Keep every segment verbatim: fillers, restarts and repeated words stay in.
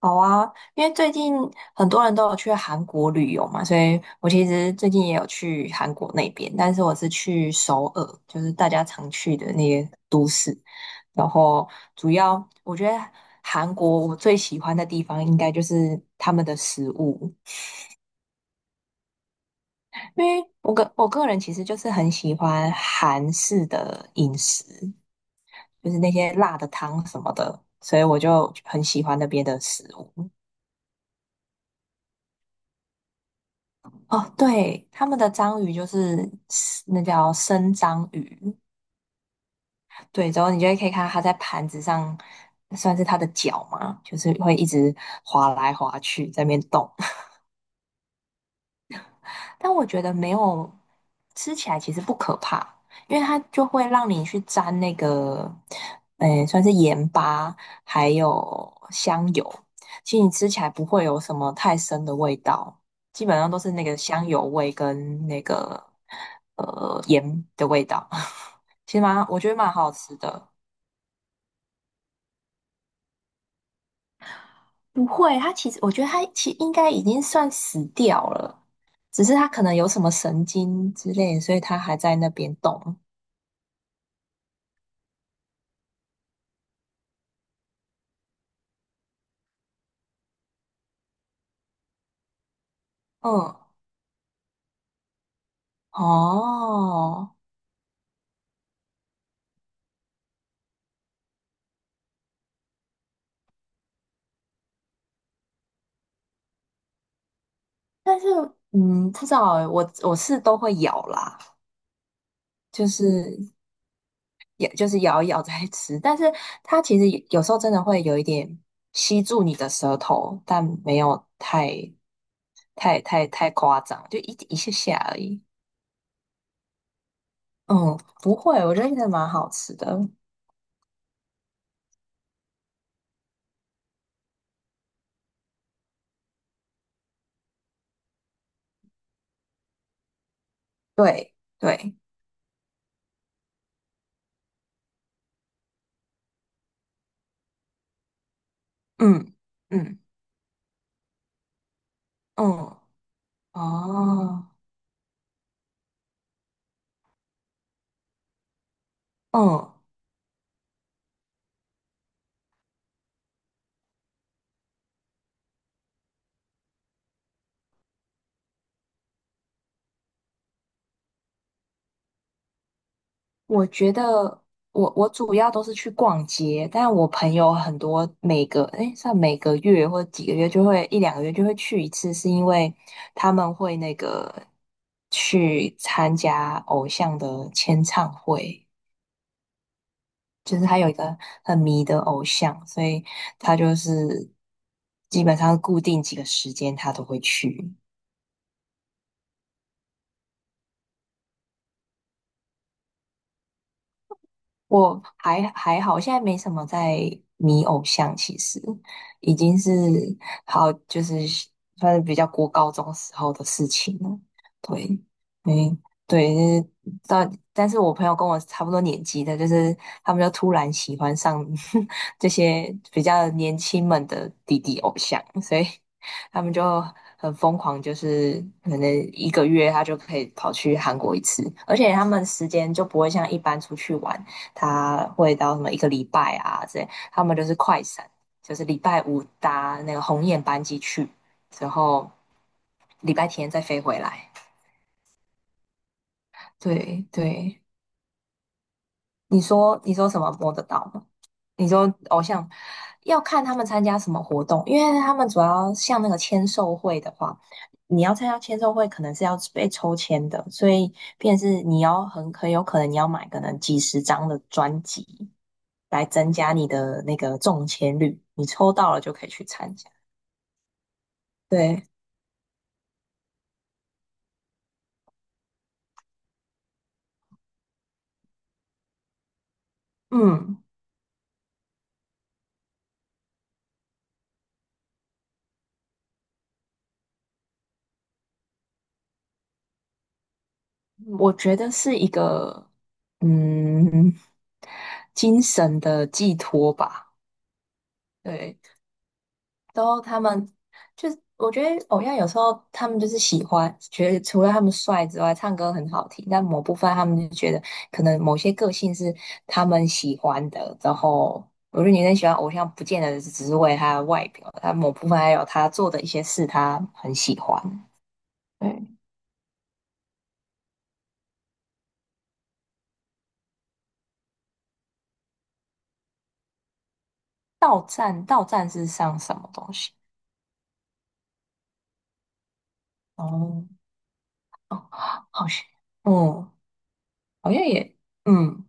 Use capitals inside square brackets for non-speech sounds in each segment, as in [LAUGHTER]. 好啊，因为最近很多人都有去韩国旅游嘛，所以我其实最近也有去韩国那边，但是我是去首尔，就是大家常去的那些都市。然后主要我觉得韩国我最喜欢的地方应该就是他们的食物，因为我个我个人其实就是很喜欢韩式的饮食，就是那些辣的汤什么的，所以我就很喜欢那边的食物。哦，对，他们的章鱼就是那叫生章鱼，对，然后你就会可以看到它在盘子上，算是它的脚嘛，就是会一直滑来滑去在那边动。但我觉得没有吃起来其实不可怕，因为它就会让你去沾那个，诶，算是盐巴还有香油，其实你吃起来不会有什么太深的味道，基本上都是那个香油味跟那个呃盐的味道，[LAUGHS] 其实蛮我觉得蛮好吃的。不会，它其实我觉得它其实应该已经算死掉了，只是它可能有什么神经之类，所以它还在那边动。嗯。哦，但是嗯，不知道欸我我是都会咬啦，就是也就是咬一咬再吃，但是它其实有有时候真的会有一点吸住你的舌头，但没有太太太太夸张，就一一下下而已。嗯，不会，我觉得真的蛮好吃的。对对，嗯嗯嗯，哦，嗯。我觉得我我主要都是去逛街，但我朋友很多每个诶，算每个月或几个月就会一两个月就会去一次，是因为他们会那个去参加偶像的签唱会，就是他有一个很迷的偶像，所以他就是基本上固定几个时间他都会去。我还还好，现在没什么在迷偶像，其实已经是好，就是算是比较过高中时候的事情了。对，嗯，对，就是但但是我朋友跟我差不多年纪的，就是他们就突然喜欢上 [LAUGHS] 这些比较年轻们的弟弟偶像，所以他们就很疯狂，就是可能一个月他就可以跑去韩国一次，而且他们时间就不会像一般出去玩。他会到什么一个礼拜啊这他们就是快闪，就是礼拜五搭那个鸿雁班机去，之后礼拜天再飞回来。对对，你说你说什么摸得到吗？你说偶像要看他们参加什么活动，因为他们主要像那个签售会的话，你要参加签售会，可能是要被抽签的，所以便是你要很很有可能你要买可能几十张的专辑来增加你的那个中签率，你抽到了就可以去参加。对，嗯，我觉得是一个嗯精神的寄托吧，对。都他们就是，我觉得偶像有时候他们就是喜欢，觉得除了他们帅之外，唱歌很好听，但某部分他们就觉得可能某些个性是他们喜欢的。然后我觉得女生喜欢偶像，不见得只是为他的外表，他某部分还有他做的一些事，他很喜欢。对，到站到站是上什么东西？哦哦，好像，嗯，好像也，嗯。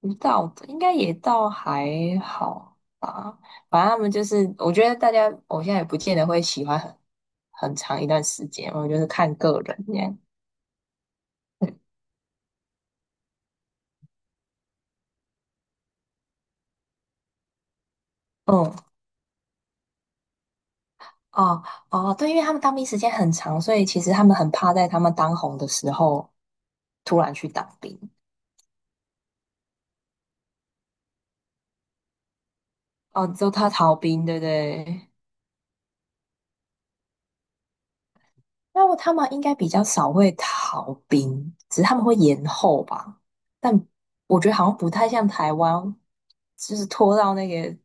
不到的应该也倒还好吧，反正他们就是，我觉得大家偶像也不见得会喜欢很很长一段时间，我觉得是看个人这样。嗯，嗯哦哦，对，因为他们当兵时间很长，所以其实他们很怕在他们当红的时候突然去当兵。哦，之后他逃兵，对不对？那他们应该比较少会逃兵，只是他们会延后吧。但我觉得好像不太像台湾，就是拖到那个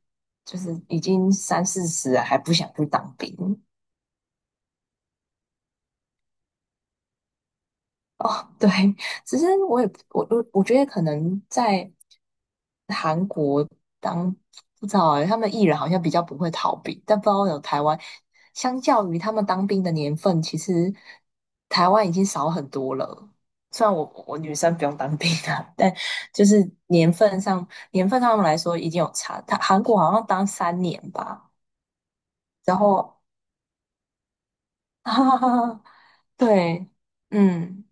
就是已经三四十了还不想去当兵。哦，[LAUGHS] 对，其实我也不我我我觉得可能在韩国当不知道哎，他们艺人好像比较不会逃避，但不知道有台湾，相较于他们当兵的年份，其实台湾已经少很多了。虽然我我女生不用当兵啊，但就是年份上年份上来说已经有差。他韩国好像当三年吧，然后 [LAUGHS] 哈哈哈哈，[LAUGHS] 对，嗯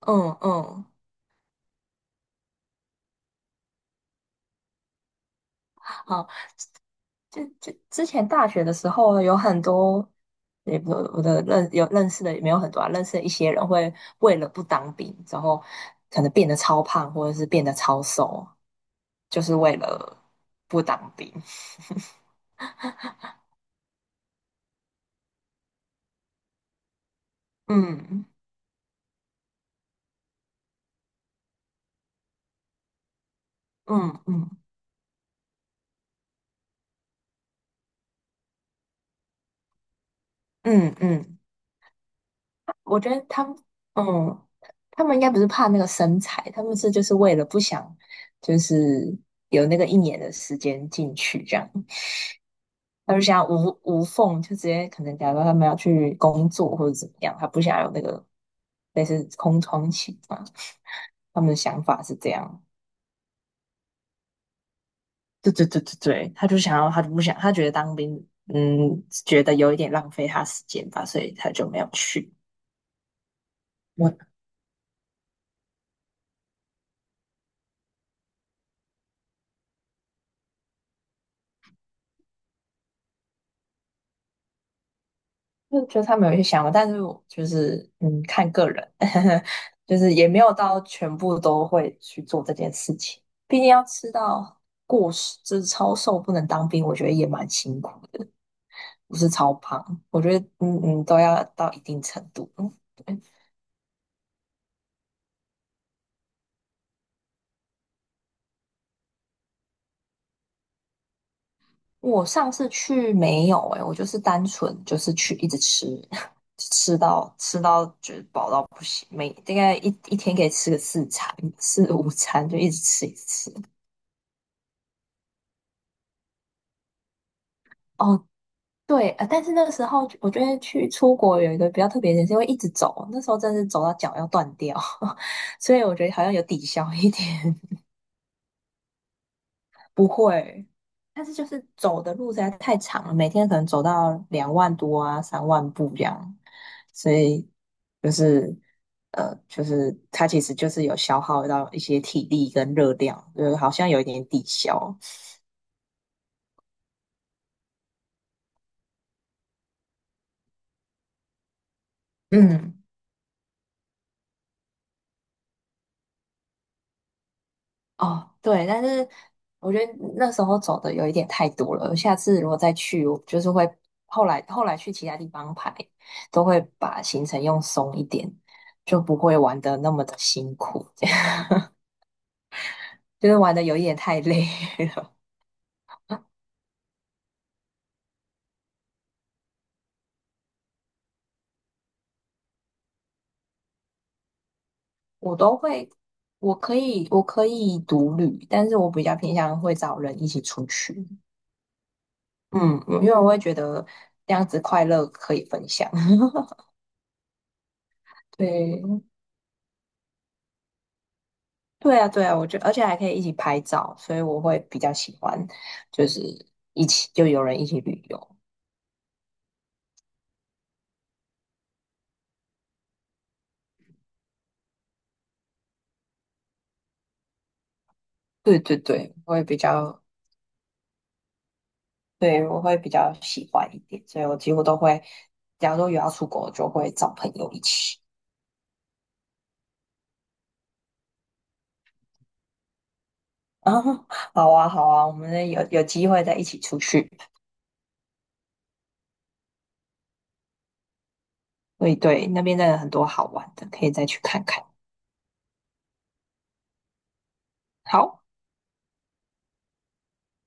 嗯嗯。好，就就之前大学的时候，有很多，也不我的认有认识的也没有很多啊，认识的一些人会为了不当兵，然后可能变得超胖，或者是变得超瘦，就是为了不当兵。嗯嗯嗯嗯嗯，我觉得他们，嗯，他们应该不是怕那个身材，他们是就是为了不想，就是有那个一年的时间进去这样。他就想要无无缝，就直接可能假如他们要去工作或者怎么样，他不想有那个类似空窗期嘛。他们的想法是这样，对对对对对，他就想要，他就不想，他觉得当兵，嗯，觉得有一点浪费他时间吧，所以他就没有去。我就觉得他们有一些想法，但是我就是嗯，看个人，[LAUGHS] 就是也没有到全部都会去做这件事情。毕竟要吃到过，就是超瘦不能当兵，我觉得也蛮辛苦。不是超胖，我觉得嗯嗯都要到一定程度。嗯，对，我上次去没有诶、我就是单纯就是去一直吃，[LAUGHS] 吃到吃到觉得饱到不行，每大概一一天可以吃个四餐四五餐，就一直吃一直吃。哦，对，呃，但是那个时候我觉得去出国有一个比较特别的点，是因为一直走，那时候真的是走到脚要断掉，[LAUGHS] 所以我觉得好像有抵消一点。不会，但是就是走的路实在太长了，每天可能走到两万多啊、三万步这样，所以就是呃，就是它其实就是有消耗到一些体力跟热量，就是好像有一点抵消。嗯，哦，对，但是我觉得那时候走的有一点太多了，下次如果再去，我就是会后来后来去其他地方排，都会把行程用松一点，就不会玩的那么的辛苦。就是玩的有一点太累了。[LAUGHS] 我都会，我可以，我可以独旅，但是我比较偏向会找人一起出去。嗯，嗯因为我会觉得这样子快乐可以分享。[LAUGHS] 对，对啊，对啊，我觉得，而且还可以一起拍照，所以我会比较喜欢，就是一起就有人一起旅游。对对对，我会比较，对，我会比较喜欢一点，所以我几乎都会，假如说有要出国，就会找朋友一起。[LAUGHS] 啊，好啊，好啊，我们有有机会再一起出去。对对，那边真的很多好玩的，可以再去看看。好。